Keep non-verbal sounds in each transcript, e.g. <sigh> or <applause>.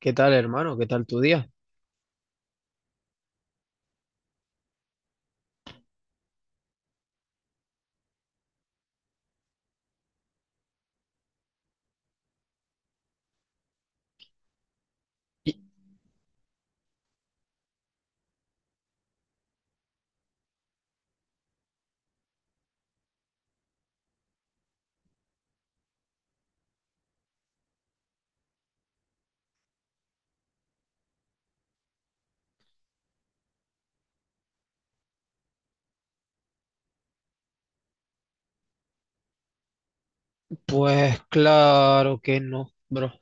¿Qué tal, hermano? ¿Qué tal tu día? Y, pues claro que no, bro.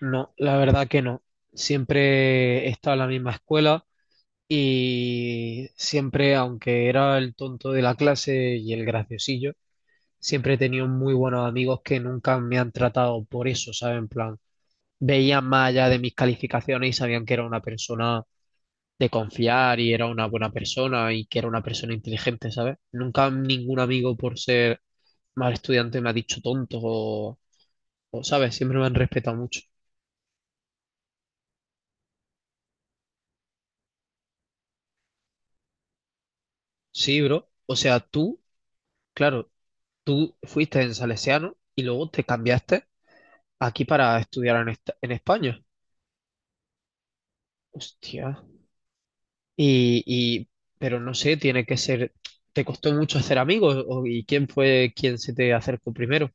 No, la verdad que no. Siempre he estado en la misma escuela y siempre, aunque era el tonto de la clase y el graciosillo, siempre he tenido muy buenos amigos que nunca me han tratado por eso, ¿saben? En plan, veían más allá de mis calificaciones y sabían que era una persona de confiar y era una buena persona y que era una persona inteligente, ¿sabes? Nunca ningún amigo por ser mal estudiante me ha dicho tonto o, ¿sabes? Siempre me han respetado mucho. Sí, bro. O sea, tú, claro, tú fuiste en Salesiano y luego te cambiaste aquí para estudiar en España. Hostia. Y, y- pero no sé, tiene que ser, ¿te costó mucho hacer amigos? ¿O- ¿Y quién fue quien se te acercó primero?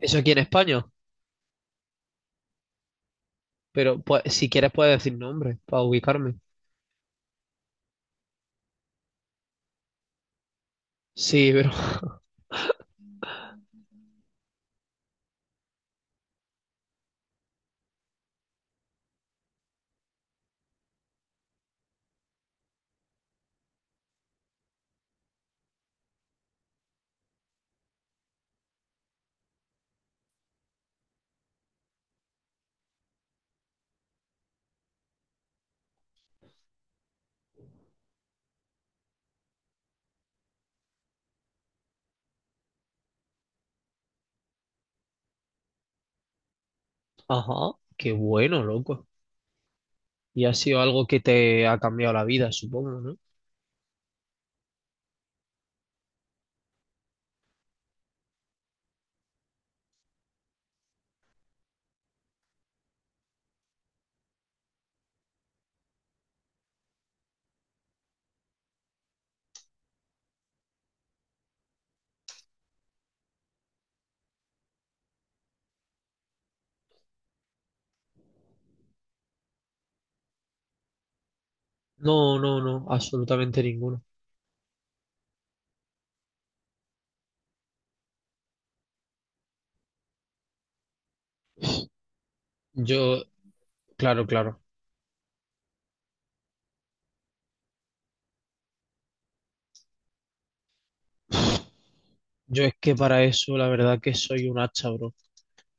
Eso aquí en España, pero pues, si quieres puedes decir nombre para ubicarme. Sí, pero... <laughs> Ajá, qué bueno, loco. Y ha sido algo que te ha cambiado la vida, supongo, ¿no? No, no, no, absolutamente ninguno. Yo, claro, claro. Yo es que para eso, la verdad que soy un hacha, bro.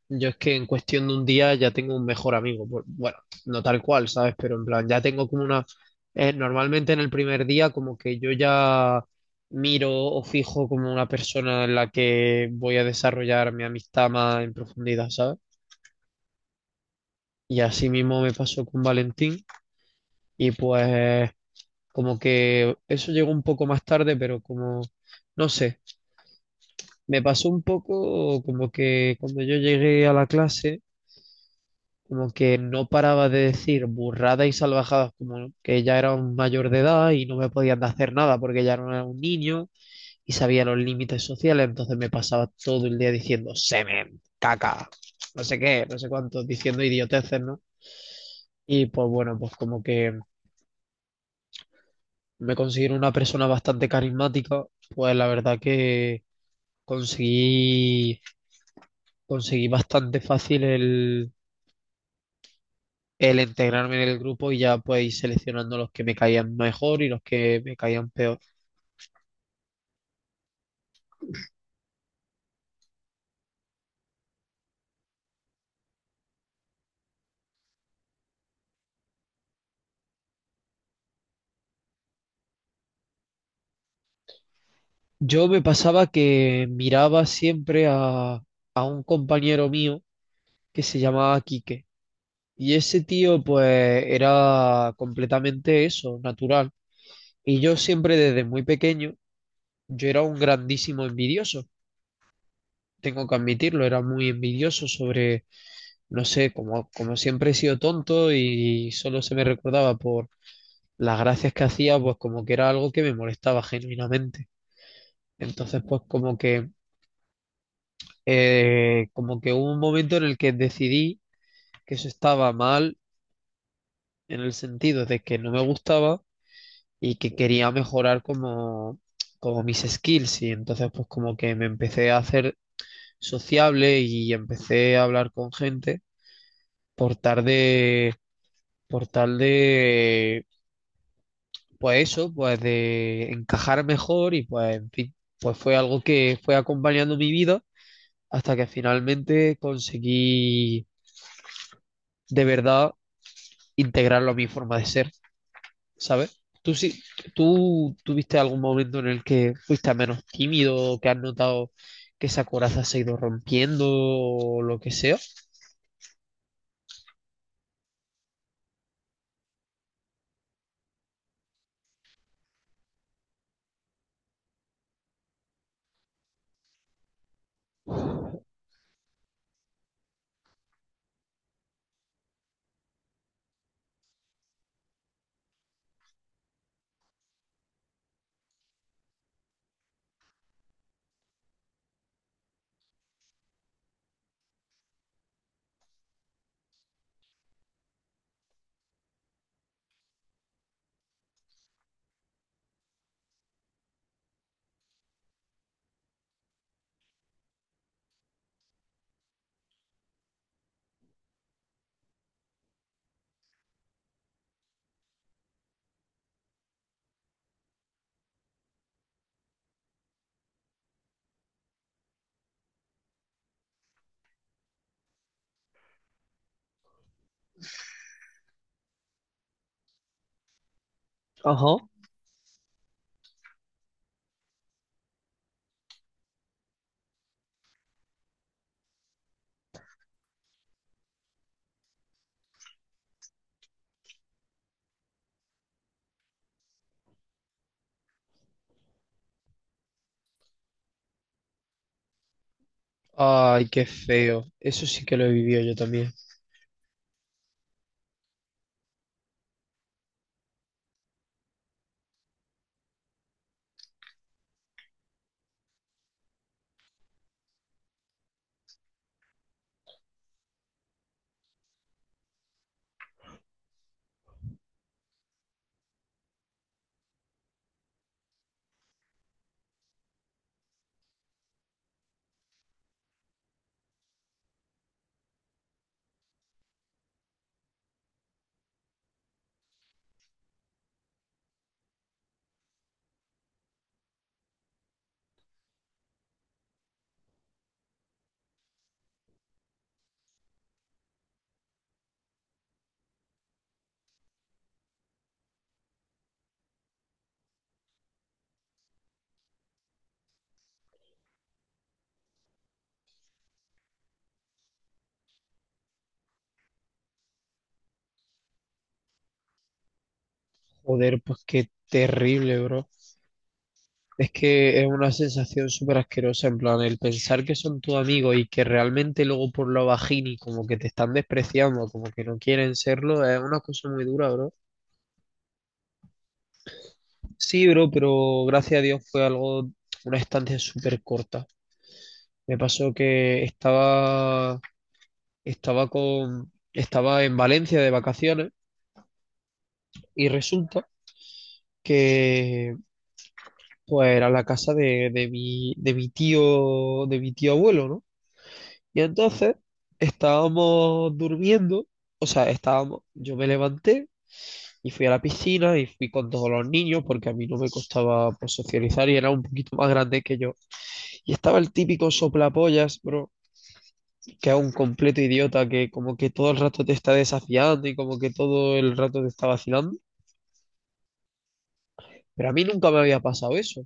Yo es que en cuestión de un día ya tengo un mejor amigo. Bueno, no tal cual, ¿sabes? Pero en plan, ya tengo como una... normalmente en el primer día como que yo ya miro o fijo como una persona en la que voy a desarrollar mi amistad más en profundidad, ¿sabes? Y así mismo me pasó con Valentín y pues como que eso llegó un poco más tarde, pero como, no sé. Me pasó un poco como que cuando yo llegué a la clase, como que no paraba de decir burradas y salvajadas, como ¿no? que ya era un mayor de edad y no me podían hacer nada porque ya no era un niño y sabía los límites sociales, entonces me pasaba todo el día diciendo semen, caca, no sé qué, no sé cuánto, diciendo idioteces, ¿no? Y pues bueno, pues como que me considero una persona bastante carismática, pues la verdad que conseguí, conseguí bastante fácil el integrarme en el grupo y ya pues ir seleccionando los que me caían mejor y los que me caían peor. Yo me pasaba que miraba siempre a un compañero mío que se llamaba Quique y ese tío pues era completamente eso, natural. Y yo siempre desde muy pequeño, yo era un grandísimo envidioso. Tengo que admitirlo, era muy envidioso sobre, no sé, como, como siempre he sido tonto y solo se me recordaba por las gracias que hacía, pues como que era algo que me molestaba genuinamente. Entonces, pues como que hubo un momento en el que decidí que eso estaba mal en el sentido de que no me gustaba y que quería mejorar como, como mis skills. Y entonces, pues como que me empecé a hacer sociable y empecé a hablar con gente por tal de, por tal de pues eso, pues de encajar mejor y pues en fin, pues fue algo que fue acompañando mi vida hasta que finalmente conseguí de verdad integrarlo a mi forma de ser, ¿sabes? ¿Tú tuviste algún momento en el que fuiste menos tímido, que has notado que esa coraza se ha ido rompiendo o lo que sea? Ajá. Ay, qué feo. Eso sí que lo he vivido yo también. Joder, pues qué terrible, bro. Es que es una sensación súper asquerosa, en plan, el pensar que son tu amigo y que realmente luego por lo bajini como que te están despreciando, como que no quieren serlo, es una cosa muy dura, bro. Sí, bro, pero gracias a Dios fue algo, una estancia súper corta. Me pasó estaba estaba en Valencia de vacaciones y resulta que, pues, era la casa de mi tío abuelo, ¿no? Y entonces estábamos durmiendo, o sea, estábamos, yo me levanté y fui a la piscina y fui con todos los niños porque a mí no me costaba pues, socializar y era un poquito más grande que yo. Y estaba el típico soplapollas, bro, que es un completo idiota que como que todo el rato te está desafiando y como que todo el rato te está vacilando. Pero a mí nunca me había pasado eso.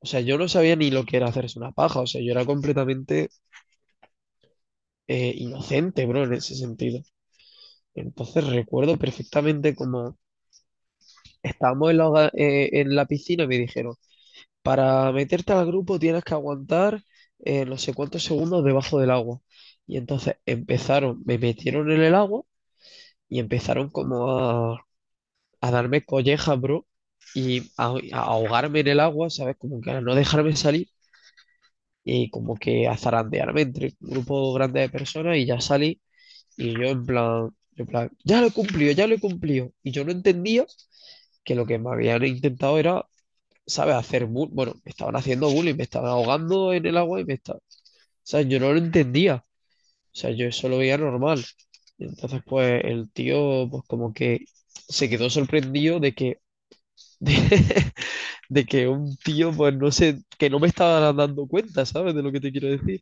O sea, yo no sabía ni lo que era hacerse una paja, o sea, yo era completamente inocente, bro, en ese sentido. Entonces recuerdo perfectamente como estábamos en la piscina y me dijeron, para meterte al grupo tienes que aguantar no sé cuántos segundos debajo del agua. Y entonces empezaron, me metieron en el agua y empezaron como a darme collejas, bro, y a, a ahogarme en el agua, ¿sabes? Como que a no dejarme salir y como que a zarandearme entre un grupo grande de personas y ya salí y yo en plan, ya lo he cumplido, ya lo he cumplido. Y yo no entendía que lo que me habían intentado era ¿sabes? Hacer bull, bueno, me estaban haciendo bullying, me estaban ahogando en el agua y me estaban, o sea, yo no lo entendía, o sea, yo eso lo veía normal. Y entonces, pues el tío, pues como que se quedó sorprendido de que, <laughs> de, de que un tío, pues no sé, que no me estaba dando cuenta, ¿sabes? De lo que te quiero decir.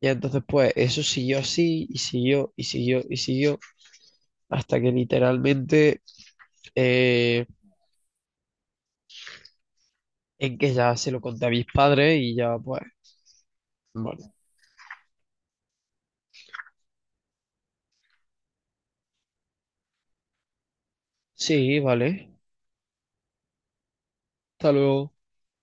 Y entonces, pues eso siguió así y siguió y siguió y siguió hasta que literalmente, eh, en que ya se lo conté a mis padres y ya, pues, bueno, sí, vale, hasta luego.